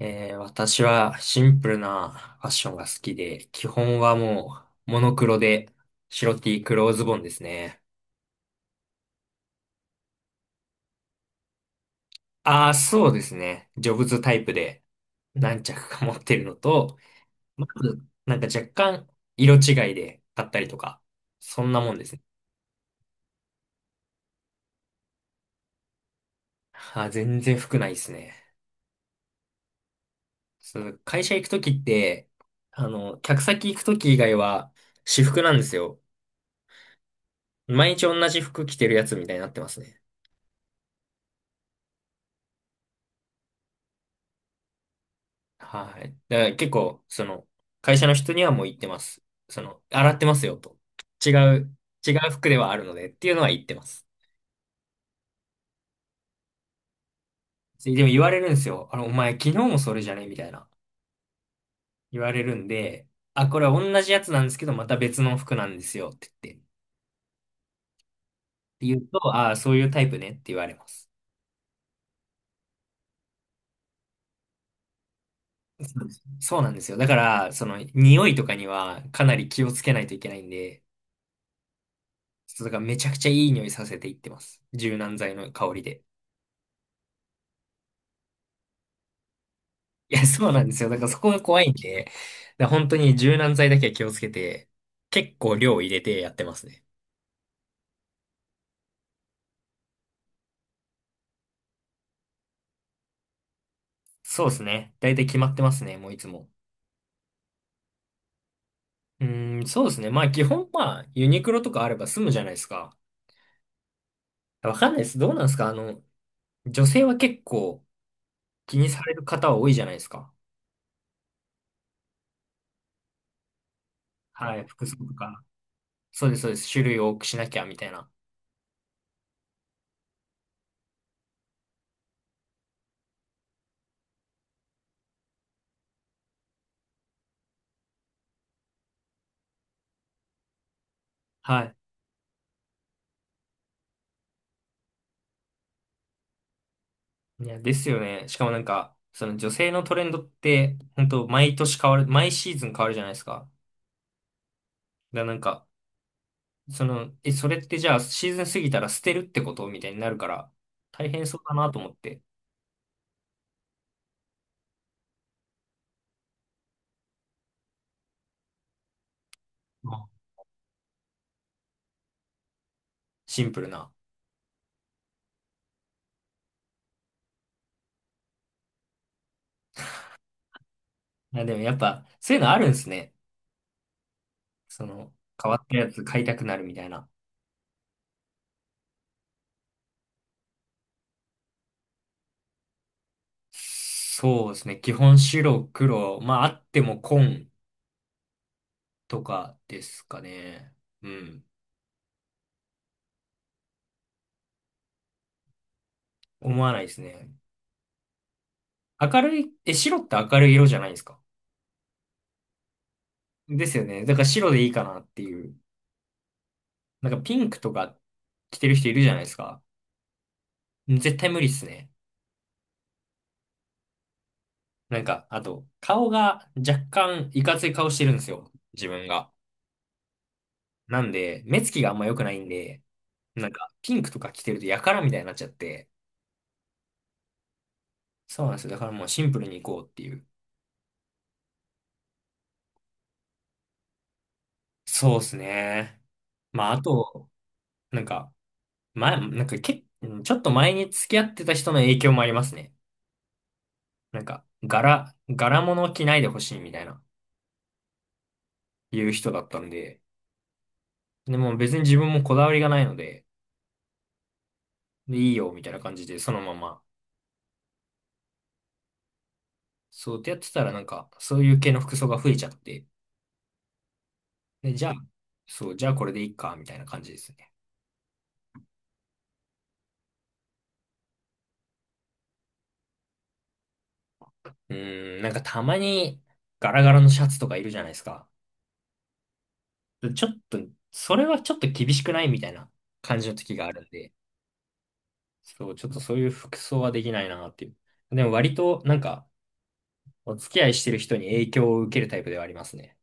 私はシンプルなファッションが好きで、基本はもうモノクロで白 T 黒ズボンですね。ああ、そうですね。ジョブズタイプで何着か持ってるのと、まずなんか若干色違いで買ったりとか、そんなもんですね。あー、全然服ないですね。そう、会社行くときって、客先行くとき以外は私服なんですよ。毎日同じ服着てるやつみたいになってますね。はい。だから結構、会社の人にはもう言ってます。洗ってますよと。違う、違う服ではあるのでっていうのは言ってます。でも言われるんですよ。あの、お前昨日もそれじゃねみたいな。言われるんで、あ、これは同じやつなんですけど、また別の服なんですよって言って。って言うと、ああ、そういうタイプねって言われます。そうですそうなんですよ。だから、匂いとかにはかなり気をつけないといけないんで、ちょっとだからめちゃくちゃいい匂いさせていってます。柔軟剤の香りで。いや、そうなんですよ。だからそこが怖いんで、だから本当に柔軟剤だけは気をつけて、結構量入れてやってますね。そうですね。だいたい決まってますね、もういつも。うーん、そうですね。まあ基本まあユニクロとかあれば済むじゃないですか。わかんないです。どうなんですかあの、女性は結構気にされる方は多いじゃないですか。はい、服装とか。そうです、そうです。種類多くしなきゃみたいな。はい。いや、ですよね。しかもなんか、その女性のトレンドって、本当毎年変わる、毎シーズン変わるじゃないですか。だからなんか、それってじゃあシーズン過ぎたら捨てるってことみたいになるから、大変そうだなと思って。あシンプルな。いや、でもやっぱ、そういうのあるんですね。その、変わったやつ買いたくなるみたいな。そうですね。基本白、黒。まあ、あっても紺とかですかね。うん。思わないですね。明るい、え、白って明るい色じゃないですか。ですよね。だから白でいいかなっていう。なんかピンクとか着てる人いるじゃないですか。絶対無理っすね。なんか、あと、顔が若干いかつい顔してるんですよ。自分が。なんで、目つきがあんま良くないんで、なんか、ピンクとか着てるとやからみたいになっちゃって。そうなんですよ。だからもうシンプルに行こうっていう。そうですね。まあ、あと、なんか、前、なんかけ、うんちょっと前に付き合ってた人の影響もありますね。なんか、柄物着ないでほしいみたいな、いう人だったんで、でも別に自分もこだわりがないので、で、いいよ、みたいな感じで、そのままそうってやってたらなんか、そういう系の服装が増えちゃって、で、じゃあ、そう、じゃあこれでいいか、みたいな感じですね。うーん、なんかたまにガラガラのシャツとかいるじゃないですか。ちょっと、それはちょっと厳しくないみたいな感じの時があるんで、そう、ちょっとそういう服装はできないなっていう。でも割となんか、お付き合いしてる人に影響を受けるタイプではありますね。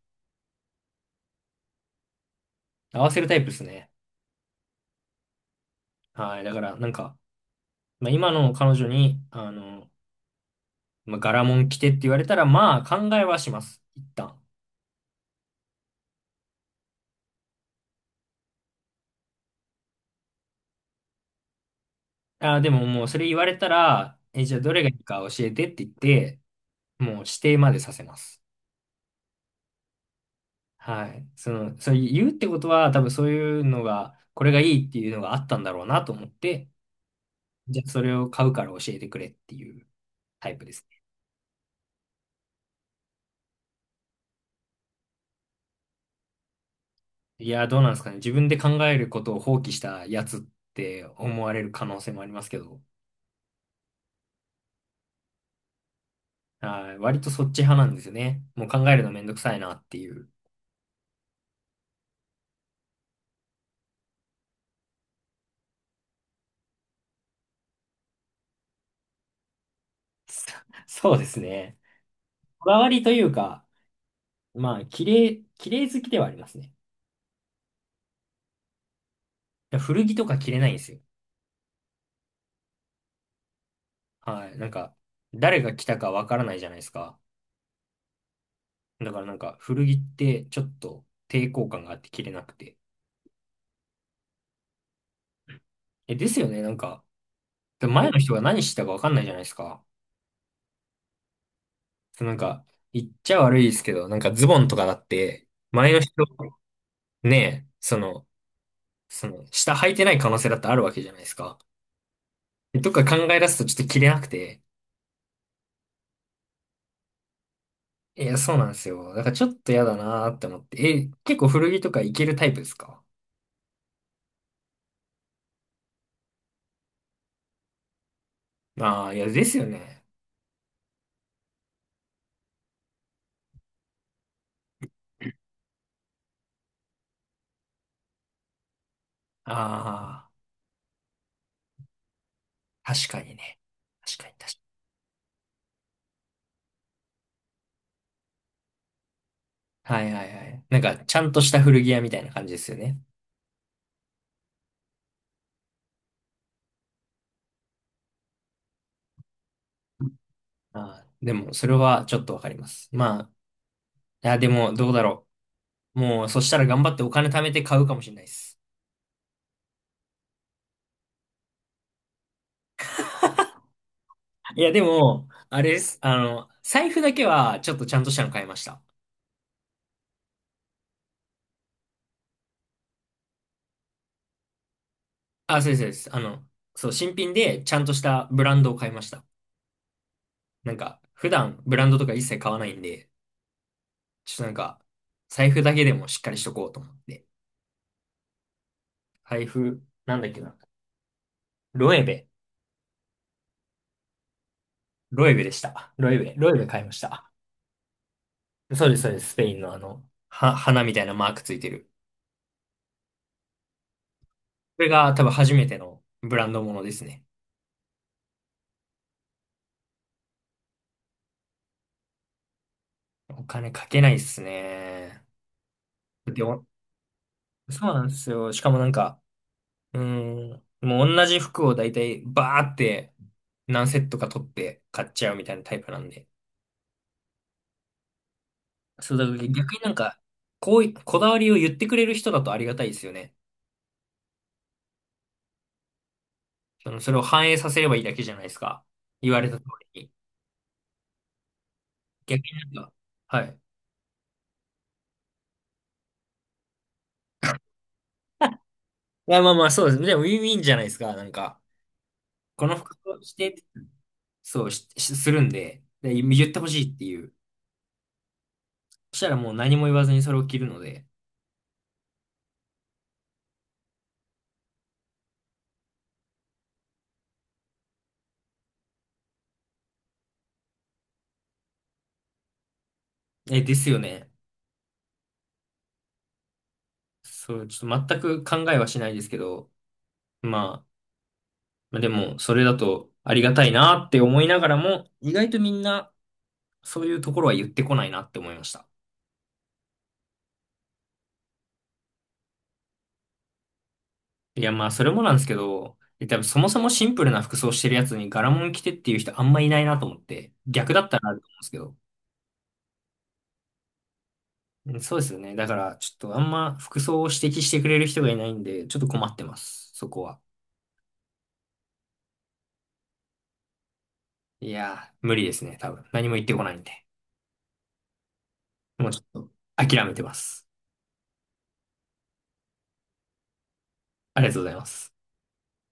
合わせるタイプですね。はい、だからなんか、まあ、今の彼女に、まあ、柄もん着てって言われたら、まあ考えはします。一旦。あー、でももうそれ言われたら、え、じゃあどれがいいか教えてって言って、もう指定までさせます。はい。そう言うってことは、多分そういうのが、これがいいっていうのがあったんだろうなと思って、じゃあそれを買うから教えてくれっていうタイプですね。いやー、どうなんですかね。自分で考えることを放棄したやつって思われる可能性もありますけど、はい。割とそっち派なんですよね。もう考えるのめんどくさいなっていう。そうですね。こだわりというか、まあ、綺麗好きではありますね。古着とか着れないんですよ。はい。なんか、誰が着たかわからないじゃないですか。だからなんか、古着ってちょっと抵抗感があって着れなくて。え、ですよね。なんか、前の人が何してたかわかんないじゃないですか。そうなんか、言っちゃ悪いですけど、なんかズボンとかだって、前の人、ねえ、その、下履いてない可能性だってあるわけじゃないですか。とか考え出すとちょっと着れなくて。いや、そうなんですよ。だからちょっと嫌だなーって思って。え、結構古着とかいけるタイプですか？ああー、いや、ですよね。ああ、確かにね。確かに。はいはいはい。なんか、ちゃんとした古着屋みたいな感じですよね。ああ、でも、それはちょっとわかります。まあ、いや、でも、どうだろう。もう、そしたら頑張ってお金貯めて買うかもしれないです。いや、でも、あれです。財布だけは、ちょっとちゃんとしたの買いました。あ、そうです、そうです。新品で、ちゃんとしたブランドを買いました。なんか、普段ブランドとか一切買わないんで、ちょっとなんか、財布だけでもしっかりしとこうと思って。財布、なんだっけな。ロエベ。ロエベでした。ロエベ買いました。そうです、そうです。スペインの花みたいなマークついてる。これが多分初めてのブランドものですね。お金かけないっすね。でも、そうなんですよ。しかもなんか、うーん、もう同じ服を大体バーって何セットか取って買っちゃうみたいなタイプなんで。そう、だから逆になんか、こうい、こだわりを言ってくれる人だとありがたいですよね。それを反映させればいいだけじゃないですか。言われた通りに。逆になんか、はい。いや、まあまあ、そうです。でも、ウィンウィンじゃないですか。なんか、この服をして、しするんで、で、言ってほしいっていう。そしたらもう何も言わずにそれを着るので。え、ですよね。そう、ちょっと全く考えはしないですけど、まあ、まあでも、それだとありがたいなって思いながらも、意外とみんな、そういうところは言ってこないなって思いました。いや、まあ、それもなんですけど、多分そもそもシンプルな服装してるやつに柄物着てっていう人あんまいないなと思って、逆だったらあると思うんですけど。うんそうですよね。だから、ちょっとあんま服装を指摘してくれる人がいないんで、ちょっと困ってます。そこは。いやー、無理ですね。多分。何も言ってこないんで。もうちょっと、諦めてます。ありがとうございます。